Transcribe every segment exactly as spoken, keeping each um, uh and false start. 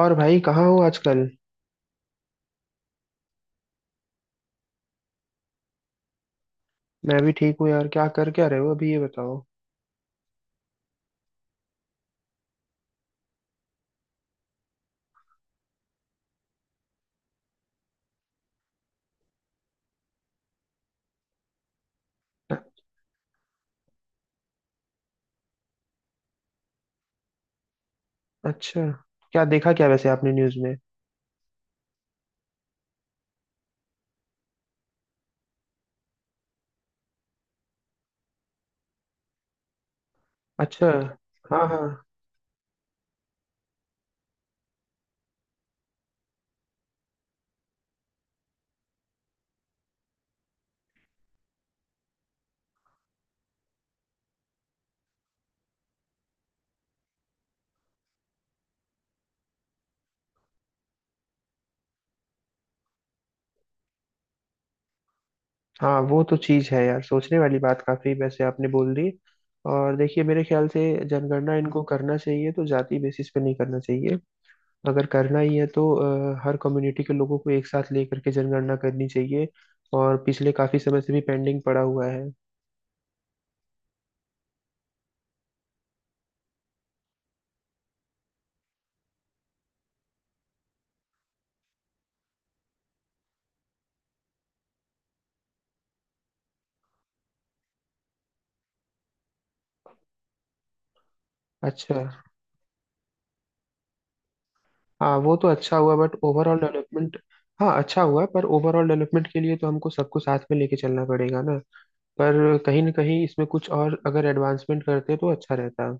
और भाई कहाँ हो आजकल? मैं भी ठीक हूँ यार। क्या कर क्या रहे हो अभी, ये बताओ। अ- अच्छा, क्या देखा क्या वैसे आपने न्यूज़ में? अच्छा। हाँ हाँ। हाँ, वो तो चीज़ है यार, सोचने वाली बात काफी वैसे आपने बोल दी। और देखिए, मेरे ख्याल से जनगणना इनको करना चाहिए तो जाति बेसिस पे नहीं करना चाहिए। अगर करना ही है तो अ, हर कम्युनिटी के लोगों को एक साथ लेकर के जनगणना करनी चाहिए। और पिछले काफी समय से भी पेंडिंग पड़ा हुआ है। अच्छा। हाँ, वो तो अच्छा हुआ बट ओवरऑल डेवलपमेंट। हाँ, अच्छा हुआ पर ओवरऑल डेवलपमेंट के लिए तो हमको सबको साथ में लेके चलना पड़ेगा ना। पर कहीं ना कहीं इसमें कुछ और अगर एडवांसमेंट करते तो अच्छा रहता।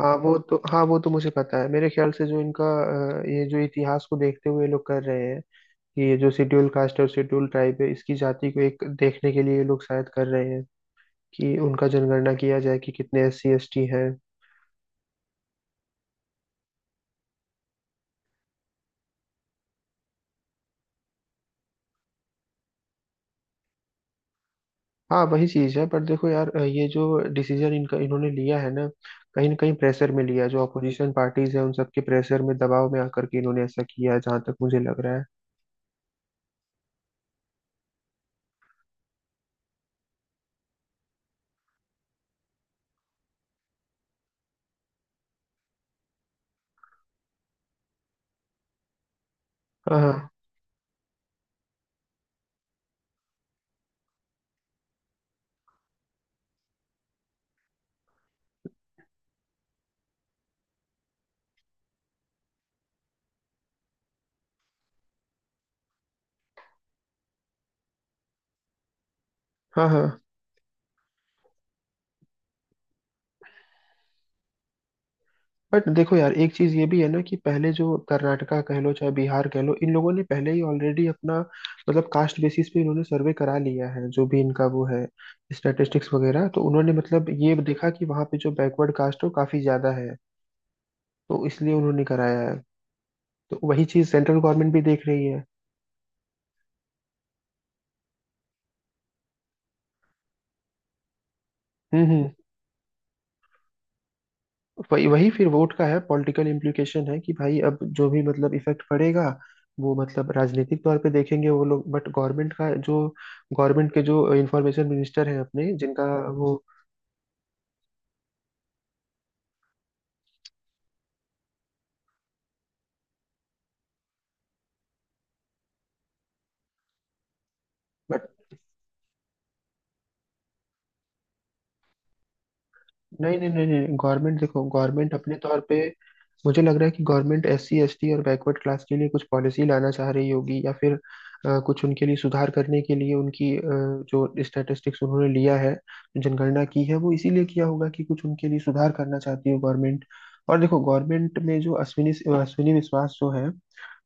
हाँ वो तो हाँ वो तो मुझे पता है। मेरे ख्याल से जो इनका, अ, ये जो इतिहास को देखते हुए ये लोग कर रहे हैं कि ये जो शेड्यूल कास्ट और शेड्यूल ट्राइब है इसकी जाति को एक देखने के लिए ये लोग शायद कर रहे हैं कि उनका जनगणना किया जाए, कि कितने एस सी एस टी हैं। हाँ, वही चीज है। पर देखो यार, ये जो डिसीजन इनका इन्होंने लिया है ना, कहीं ना कहीं प्रेशर में लिया है। जो अपोजिशन पार्टीज है उन सबके प्रेशर में, दबाव में आकर के इन्होंने ऐसा किया है, जहां तक मुझे लग रहा है। हाँ हाँ हाँ हाँ। बट देखो यार, एक चीज ये भी है ना कि पहले जो कर्नाटका कह लो चाहे बिहार कह लो, इन लोगों ने पहले ही ऑलरेडी अपना, मतलब कास्ट बेसिस पे इन्होंने सर्वे करा लिया है। जो भी इनका वो है स्टैटिस्टिक्स वगैरह, तो उन्होंने मतलब ये देखा कि वहाँ पे जो बैकवर्ड कास्ट है वो काफी ज्यादा है, तो इसलिए उन्होंने कराया है। तो वही चीज सेंट्रल गवर्नमेंट भी देख रही है। हम्म हम्म। वही वही फिर वोट का है, पॉलिटिकल इम्प्लीकेशन है कि भाई अब जो भी मतलब इफेक्ट पड़ेगा वो मतलब राजनीतिक तौर पे देखेंगे वो लोग। बट गवर्नमेंट का जो, गवर्नमेंट के जो इंफॉर्मेशन मिनिस्टर हैं अपने, जिनका वो, नहीं नहीं नहीं नहीं, गवर्नमेंट देखो, गवर्नमेंट अपने तौर पे, मुझे लग रहा है कि government S C S T और बैकवर्ड क्लास के लिए कुछ पॉलिसी लाना चाह रही होगी, या फिर अ, कुछ उनके लिए सुधार करने के लिए उनकी, अ, जो स्टैटिस्टिक्स उन्होंने लिया है, जनगणना की है, वो इसीलिए किया होगा कि कुछ उनके लिए सुधार करना चाहती है गवर्नमेंट। और देखो, गवर्नमेंट में जो अश्विनी अश्विनी विश्वास जो है,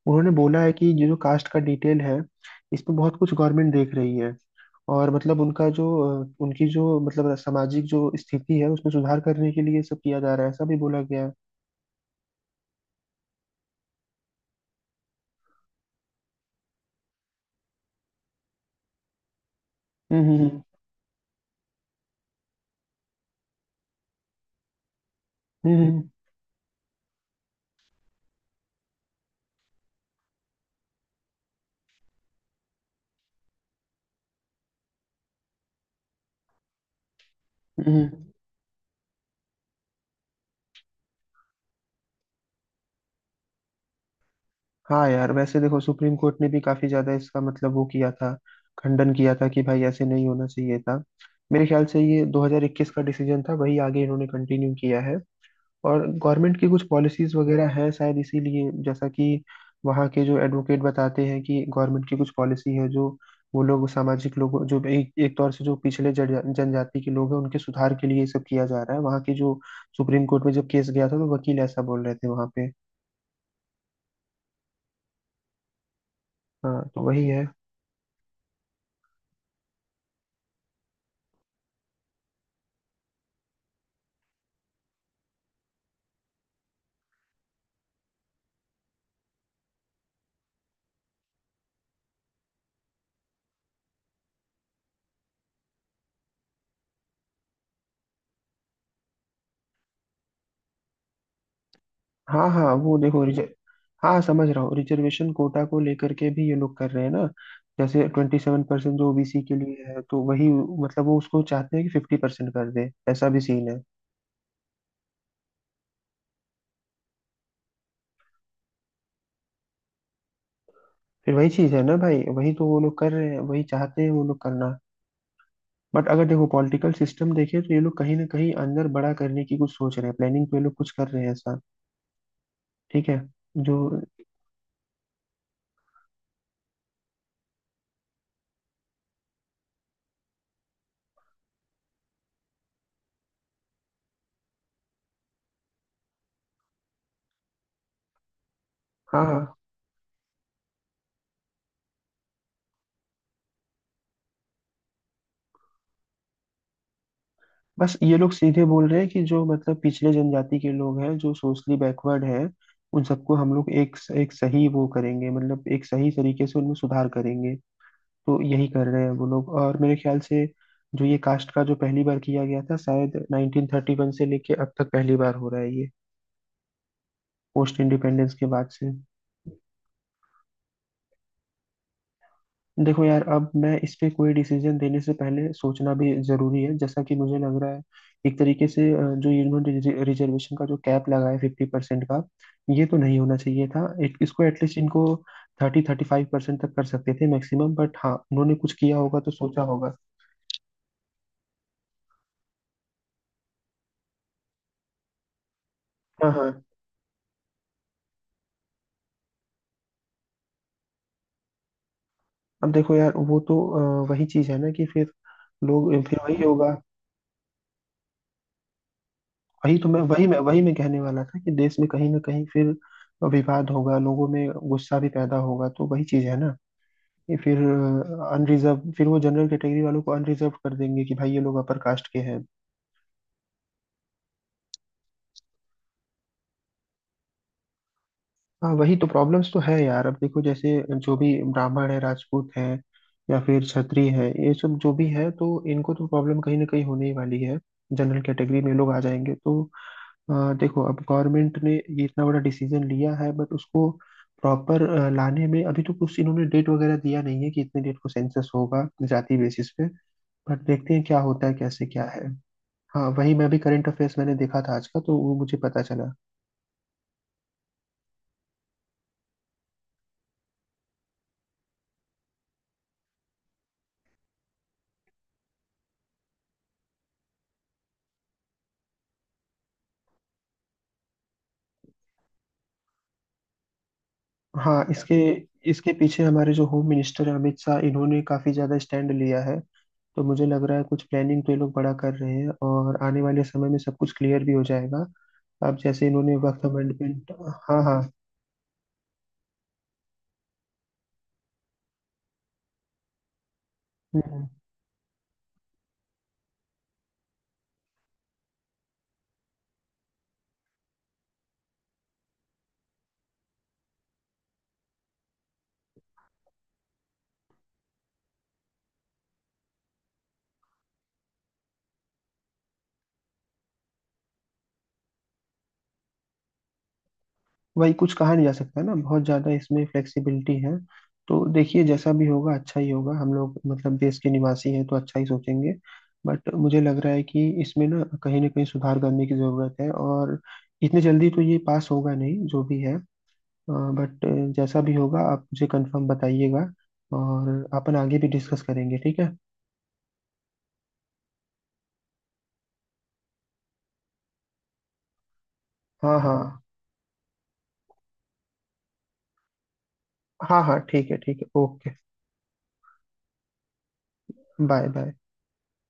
उन्होंने बोला है कि ये जो कास्ट का डिटेल है इसमें बहुत कुछ गवर्नमेंट देख रही है। और मतलब उनका जो, अ, उनकी जो मतलब सामाजिक जो स्थिति है उसमें सुधार करने के लिए ये सब किया जा रहा है, ऐसा भी बोला गया है। हम्म हम्म। हम्म हम्म, हम्म। हाँ यार, वैसे देखो, सुप्रीम कोर्ट ने भी काफी ज्यादा इसका मतलब वो किया था, खंडन किया था कि भाई ऐसे नहीं होना चाहिए था। मेरे ख्याल से ये दो हज़ार इक्कीस का डिसीजन था, वही आगे इन्होंने कंटिन्यू किया है। और गवर्नमेंट की कुछ पॉलिसीज वगैरह हैं शायद इसीलिए, जैसा कि वहाँ के जो एडवोकेट बताते हैं कि गवर्नमेंट की कुछ पॉलिसी है जो, वो लोग सामाजिक लोगों जो एक एक तौर से जो पिछले जनजा- जनजाति के लोग हैं उनके सुधार के लिए ये सब किया जा रहा है। वहाँ की जो सुप्रीम कोर्ट में जब केस गया था तो वकील ऐसा बोल रहे थे वहाँ पे। हाँ, तो वही है। हाँ हाँ, वो देखो रिजर्व, हाँ समझ रहा हूँ, रिजर्वेशन कोटा को लेकर के भी ये लोग कर रहे हैं ना। जैसे ट्वेंटी सेवन परसेंट जो ओबीसी के लिए है, तो वही, मतलब वो उसको चाहते हैं कि फिफ्टी परसेंट कर दे, ऐसा भी सीन है। फिर वही चीज है ना भाई, वही तो वो लोग कर रहे हैं, वही चाहते हैं वो लोग करना। बट अगर देखो पॉलिटिकल सिस्टम देखे तो ये लोग कहीं ना कहीं अंदर बड़ा करने की कुछ सोच रहे हैं, प्लानिंग तो ये लोग कुछ कर रहे हैं ऐसा। ठीक है। जो, हाँ हाँ। बस ये लोग सीधे बोल रहे हैं कि जो मतलब पिछले जनजाति के लोग हैं जो सोशली बैकवर्ड हैं उन सबको हम लोग एक एक सही वो करेंगे, मतलब एक सही तरीके से उनमें सुधार करेंगे। तो यही कर रहे हैं वो लोग। और मेरे ख्याल से जो ये कास्ट का जो पहली बार किया गया था, शायद नाइंटीन थर्टी वन से लेके, अब तक पहली बार हो रहा है ये, पोस्ट इंडिपेंडेंस के बाद से। देखो यार, अब मैं इस पे कोई डिसीजन देने से पहले सोचना भी जरूरी है, जैसा कि मुझे लग रहा है, एक तरीके से अ, जो इन्होंने रिजर्वेशन का जो कैप लगाया फिफ्टी परसेंट का, ये तो नहीं होना चाहिए था। इत- इसको एटलीस्ट इनको थर्टी थर्टी फाइव परसेंट तक कर सकते थे मैक्सिमम। बट हाँ, उन्होंने कुछ किया होगा तो सोचा होगा। हाँ हाँ। अब देखो यार, वो तो अ, वही चीज है ना, कि फिर लोग, फिर वही होगा। वही तो मैं, वही मैं वही मैं कहने वाला था कि देश में कहीं ना कहीं फिर विवाद होगा, लोगों में गुस्सा भी पैदा होगा। तो वही चीज है ना कि फिर अनरिजर्व, फिर वो जनरल कैटेगरी वालों को अनरिजर्व कर देंगे कि भाई ये लोग अपर कास्ट के हैं। हाँ, वही तो प्रॉब्लम्स तो है यार। अब देखो जैसे, जो भी ब्राह्मण है, राजपूत है, या फिर क्षत्रिय है, ये सब जो भी है, तो इनको तो प्रॉब्लम कहीं ना कहीं होने ही वाली है, जनरल कैटेगरी में लोग आ जाएंगे तो। अ, देखो, अब गवर्नमेंट ने ये इतना बड़ा डिसीजन लिया है बट उसको प्रॉपर लाने में अभी तो कुछ इन्होंने डेट वगैरह दिया नहीं है कि इतने डेट को सेंसस होगा जाति बेसिस पे। बट देखते हैं क्या होता है, कैसे क्या है। हाँ, वही मैं भी करंट अफेयर्स मैंने देखा था आज का, तो वो मुझे पता चला। हाँ, इसके इसके पीछे हमारे जो होम मिनिस्टर हैं, अमित शाह, इन्होंने काफी ज्यादा स्टैंड लिया है। तो मुझे लग रहा है कुछ प्लानिंग तो ये लोग बड़ा कर रहे हैं, और आने वाले समय में सब कुछ क्लियर भी हो जाएगा। अब जैसे इन्होंने वर्क अमेंडमेंट, हाँ हाँ, हम्म, वही कुछ कहा नहीं जा सकता ना, बहुत ज्यादा इसमें फ्लेक्सिबिलिटी है। तो देखिए जैसा भी होगा अच्छा ही होगा। हम लोग मतलब देश के निवासी हैं तो अच्छा ही सोचेंगे। बट मुझे लग रहा है कि इसमें ना कहीं ना कहीं सुधार करने की जरूरत है। और इतने जल्दी तो ये पास होगा नहीं जो भी है। बट जैसा भी होगा आप मुझे कंफर्म बताइएगा, और अपन आगे भी डिस्कस करेंगे, ठीक है। हाँ हाँ हाँ हाँ, ठीक है ठीक है, ओके। Bye bye.